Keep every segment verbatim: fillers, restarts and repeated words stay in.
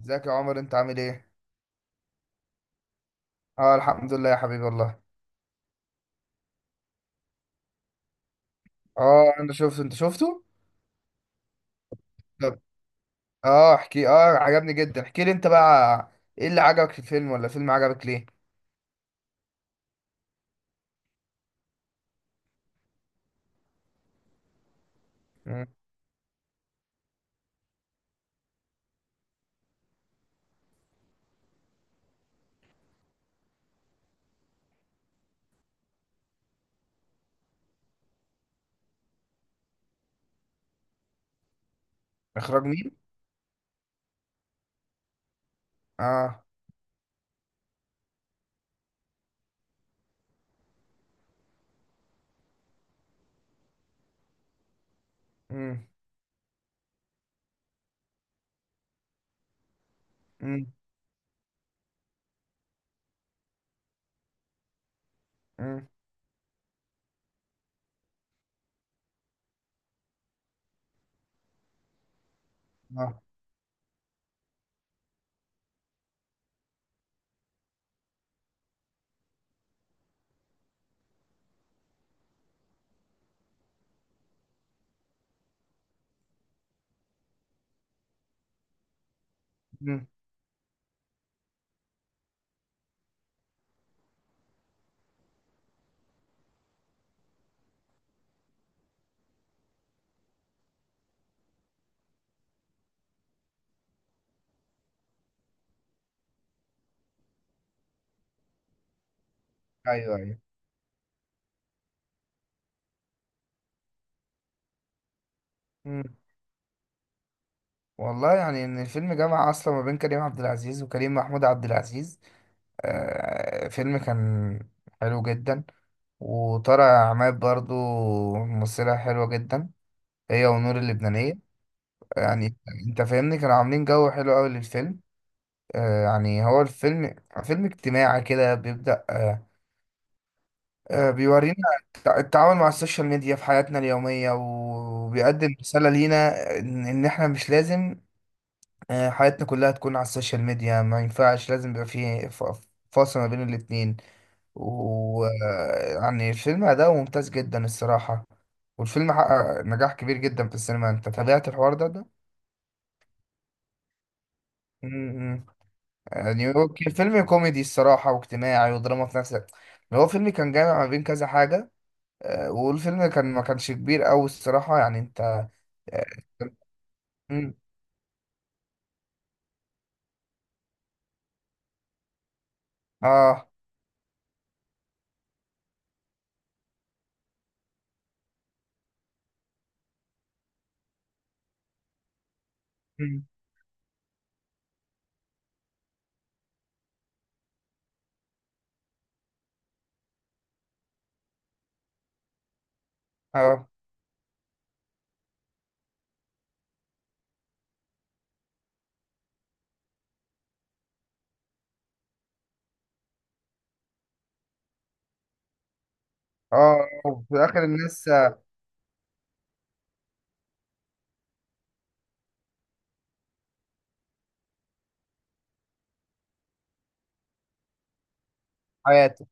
ازيك يا عمر، انت عامل ايه؟ اه، الحمد لله يا حبيبي والله. اه، انا شفته. انت شفته؟ طب. اه، احكي اه. عجبني جدا، احكي لي انت بقى. ايه اللي عجبك في الفيلم؟ ولا الفيلم عجبك ليه؟ مم. اخراج مين؟ اه. امم. امم. امم. اه. امم. ايوه، ايوه. امم. والله، يعني ان الفيلم جمع اصلا ما بين كريم عبد العزيز وكريم محمود عبد العزيز. آه فيلم كان حلو جدا. وطارق عماد برضو ممثلة حلوة جدا، هي ونور اللبنانية. يعني انت فاهمني، كانوا عاملين جو حلو قوي للفيلم. آه يعني هو الفيلم فيلم اجتماعي كده بيبدأ آه آه بيورينا التع- التعامل مع السوشيال ميديا في حياتنا اليومية، وبيقدم رسالة لينا ان ان احنا مش لازم آه حياتنا كلها تكون على السوشيال ميديا. ما ينفعش، لازم يبقى فيه ف- فاصل ما بين الاتنين. ويعني الفيلم أداؤه ممتاز جدا الصراحة. والفيلم حقق نجاح كبير جدا في السينما. انت تابعت الحوار ده ده؟ يعني هو كان فيلم كوميدي الصراحة، واجتماعي ودراما في نفس الوقت. هو فيلم كان جامع ما بين كذا حاجة. آه، والفيلم كان ما كانش كبير أوي الصراحة، يعني أنت آه، مم. آه مم. آه آه وفي الآخر الناس آه، حياته.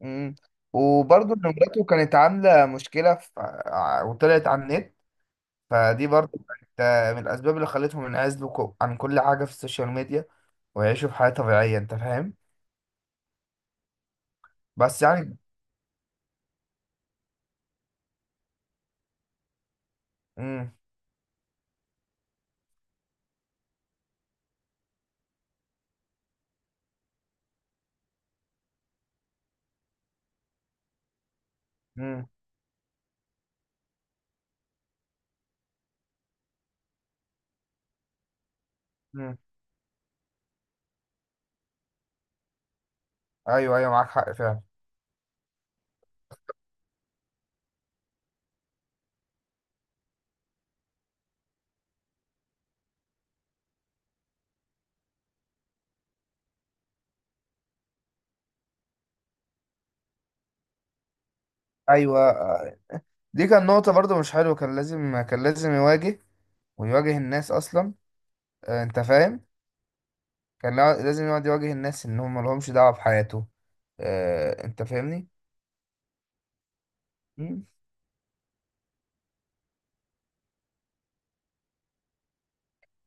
مم. وبرضه إن مراته كانت عاملة مشكلة في... ع- وطلعت على النت. فدي برضه كانت آه، من الأسباب اللي خلتهم ينعزلوا كو- عن كل حاجة في السوشيال ميديا، ويعيشوا في حياة طبيعية. أنت فاهم؟ بس يعني. مم. مم. مم. ايوه، ايوه، معاك حق فعلا. ايوه. آه، دي كان نقطة برضو مش حلوة. كان لازم كان لازم يواجه، ويواجه الناس اصلا. آه، انت فاهم. كان لا- لازم يقعد يواجه الناس ان هم ملهمش دعوة بحياته. آه، انت فاهمني. مم.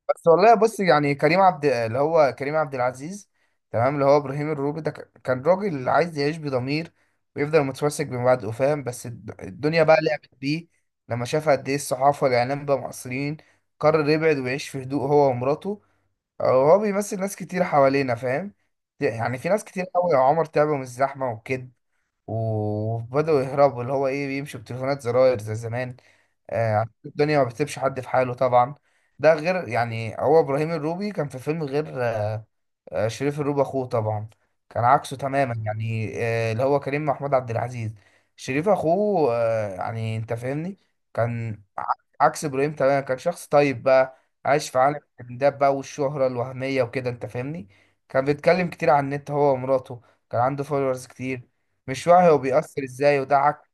بس والله بص، يعني كريم عبد اللي هو كريم عبد العزيز. تمام، اللي هو ابراهيم الروبي ده ك- كان راجل عايز يعيش بضمير، ويفضل متمسك بمبادئه، فاهم. بس الد- الدنيا بقى لعبت بيه لما شاف قد ايه الصحافه والاعلام بقى مقصرين. قرر يبعد ويعيش في هدوء، هو ومراته. هو بيمثل ناس كتير حوالينا، فاهم. يعني في ناس كتير قوي يا عمر تعبوا من الزحمه والكد، وبداوا يهربوا، اللي هو ايه، بيمشوا بتليفونات زراير زي زمان. آه، عشان الدنيا ما بتسيبش حد في حاله طبعا. ده غير يعني، هو ابراهيم الروبي كان في فيلم غير آه، آه، شريف الروب اخوه طبعا، كان عكسه تماما. مم. يعني آه، اللي هو كريم محمود عبد العزيز، شريف اخوه، آه، يعني انت فاهمني. كان ع- عكس ابراهيم تماما. كان شخص طيب بقى، عايش في عالم الترندات بقى والشهرة الوهمية وكده، انت فاهمني. كان بيتكلم كتير عن النت، هو ومراته. كان عنده فولورز كتير. مش واعي هو بيأثر ازاي، وده عك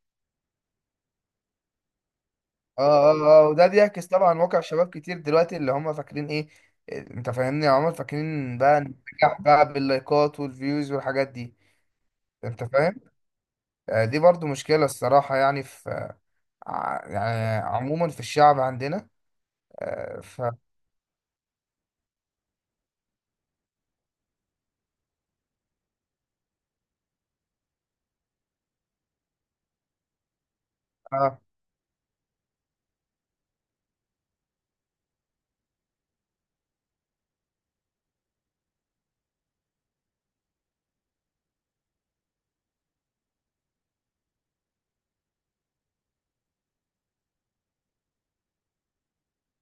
اه، اه، اه. آه، وده بيعكس طبعا واقع شباب كتير دلوقتي اللي هم فاكرين ايه. آه، انت فاهمني، هم فاكرين بقى النجاح بقى باللايكات والفيوز والحاجات دي. انت فاهم. آه، دي برضو مشكلة الصراحة، يعني في ع- يعني عموما في الشعب عندنا. آه، ف اه.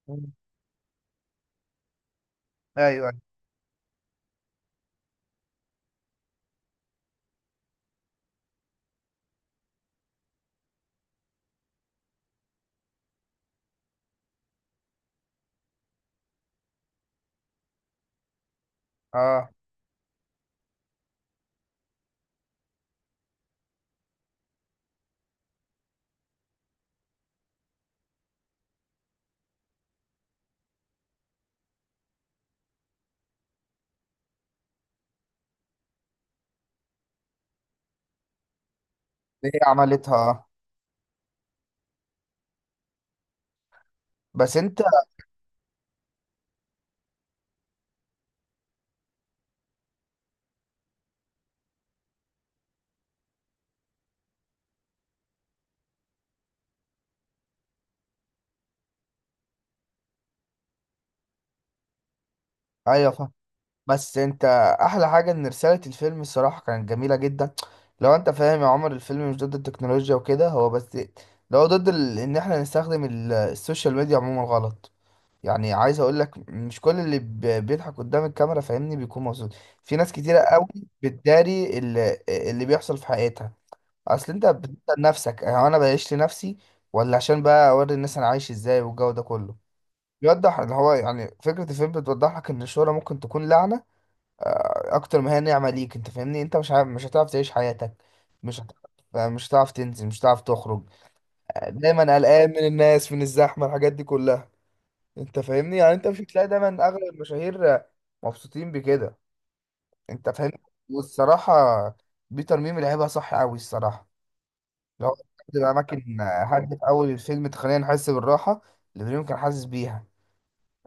مم. ايوه، أيوة. اه، هي عملتها. اه. بس انت. ايوه، فاهم. بس انت. احلى حاجة ان رسالة الفيلم الصراحة كانت جميلة جدا. لو انت فاهم يا عمر، الفيلم مش ضد التكنولوجيا وكده، هو بس لو ضد ال... ان احنا نستخدم ال- السوشيال ميديا عموما غلط. يعني عايز اقول لك، مش كل اللي بي- بيضحك قدام الكاميرا، فاهمني، بيكون مبسوط. في ناس كتيره قوي بتداري اللي, اللي بيحصل في حياتها. اصل انت بتسال نفسك، هو انا بعيش لنفسي ولا عشان بقى اوري الناس انا عايش ازاي والجو ده كله. بيوضح اللي هو يعني فكره الفيلم، بتوضح لك ان الشهره ممكن تكون لعنه آه، اكتر ما هي نعمه ليك، انت فاهمني. انت مش عارف، مش هتعرف تعيش حياتك. مش هتعرف مش هتعرف تنزل، مش هتعرف تخرج. آه، دايما قلقان من الناس، من الزحمه، الحاجات دي كلها. انت فاهمني، يعني انت مش هتلاقي دايما اغلب المشاهير مبسوطين بكده. انت فاهمني. والصراحه، بيتر ميمي لعبها صح قوي الصراحه. لو بتبقى اماكن، حد في اول الفيلم، تخلينا نحس بالراحه اللي دريم كان حاسس بيها.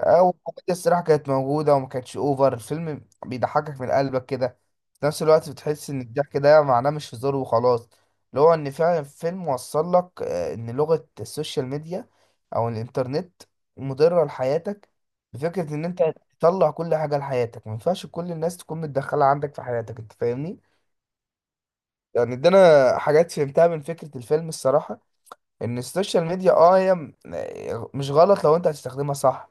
او الكوميديا الصراحه كانت موجوده وما كانتش اوفر. الفيلم بيضحكك من قلبك كده، في نفس الوقت بتحس ان الضحك ده معناه مش هزار وخلاص. اللي هو ان فعلا الفيلم وصل لك آه، ان لغه السوشيال ميديا او الانترنت مضره لحياتك. بفكره ان انت تطلع كل حاجه لحياتك، ما ينفعش كل الناس تكون متدخله عندك في حياتك. انت فاهمني. يعني ادانا حاجات فهمتها من فكره الفيلم الصراحه، ان السوشيال ميديا اه هي م- مش غلط لو انت هتستخدمها صح.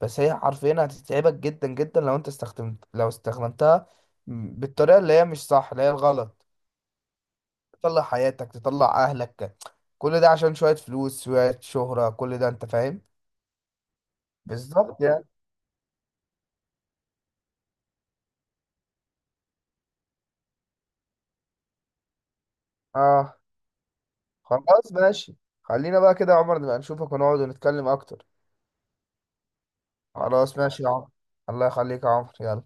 بس هي حرفيا هتتعبك جدا جدا لو انت استخدمت لو استخدمتها م- بالطريقه اللي هي مش صح، اللي هي الغلط. تطلع حياتك، تطلع اهلك، كل ده عشان شويه فلوس، شويه شهره، كل ده، انت فاهم. بالظبط يعني. اه. خلاص ماشي. خلينا بقى كده يا عمر، نبقى نشوفك ونقعد ونتكلم اكتر. خلاص ماشي يا عمر. الله يخليك يا عمر، يلا.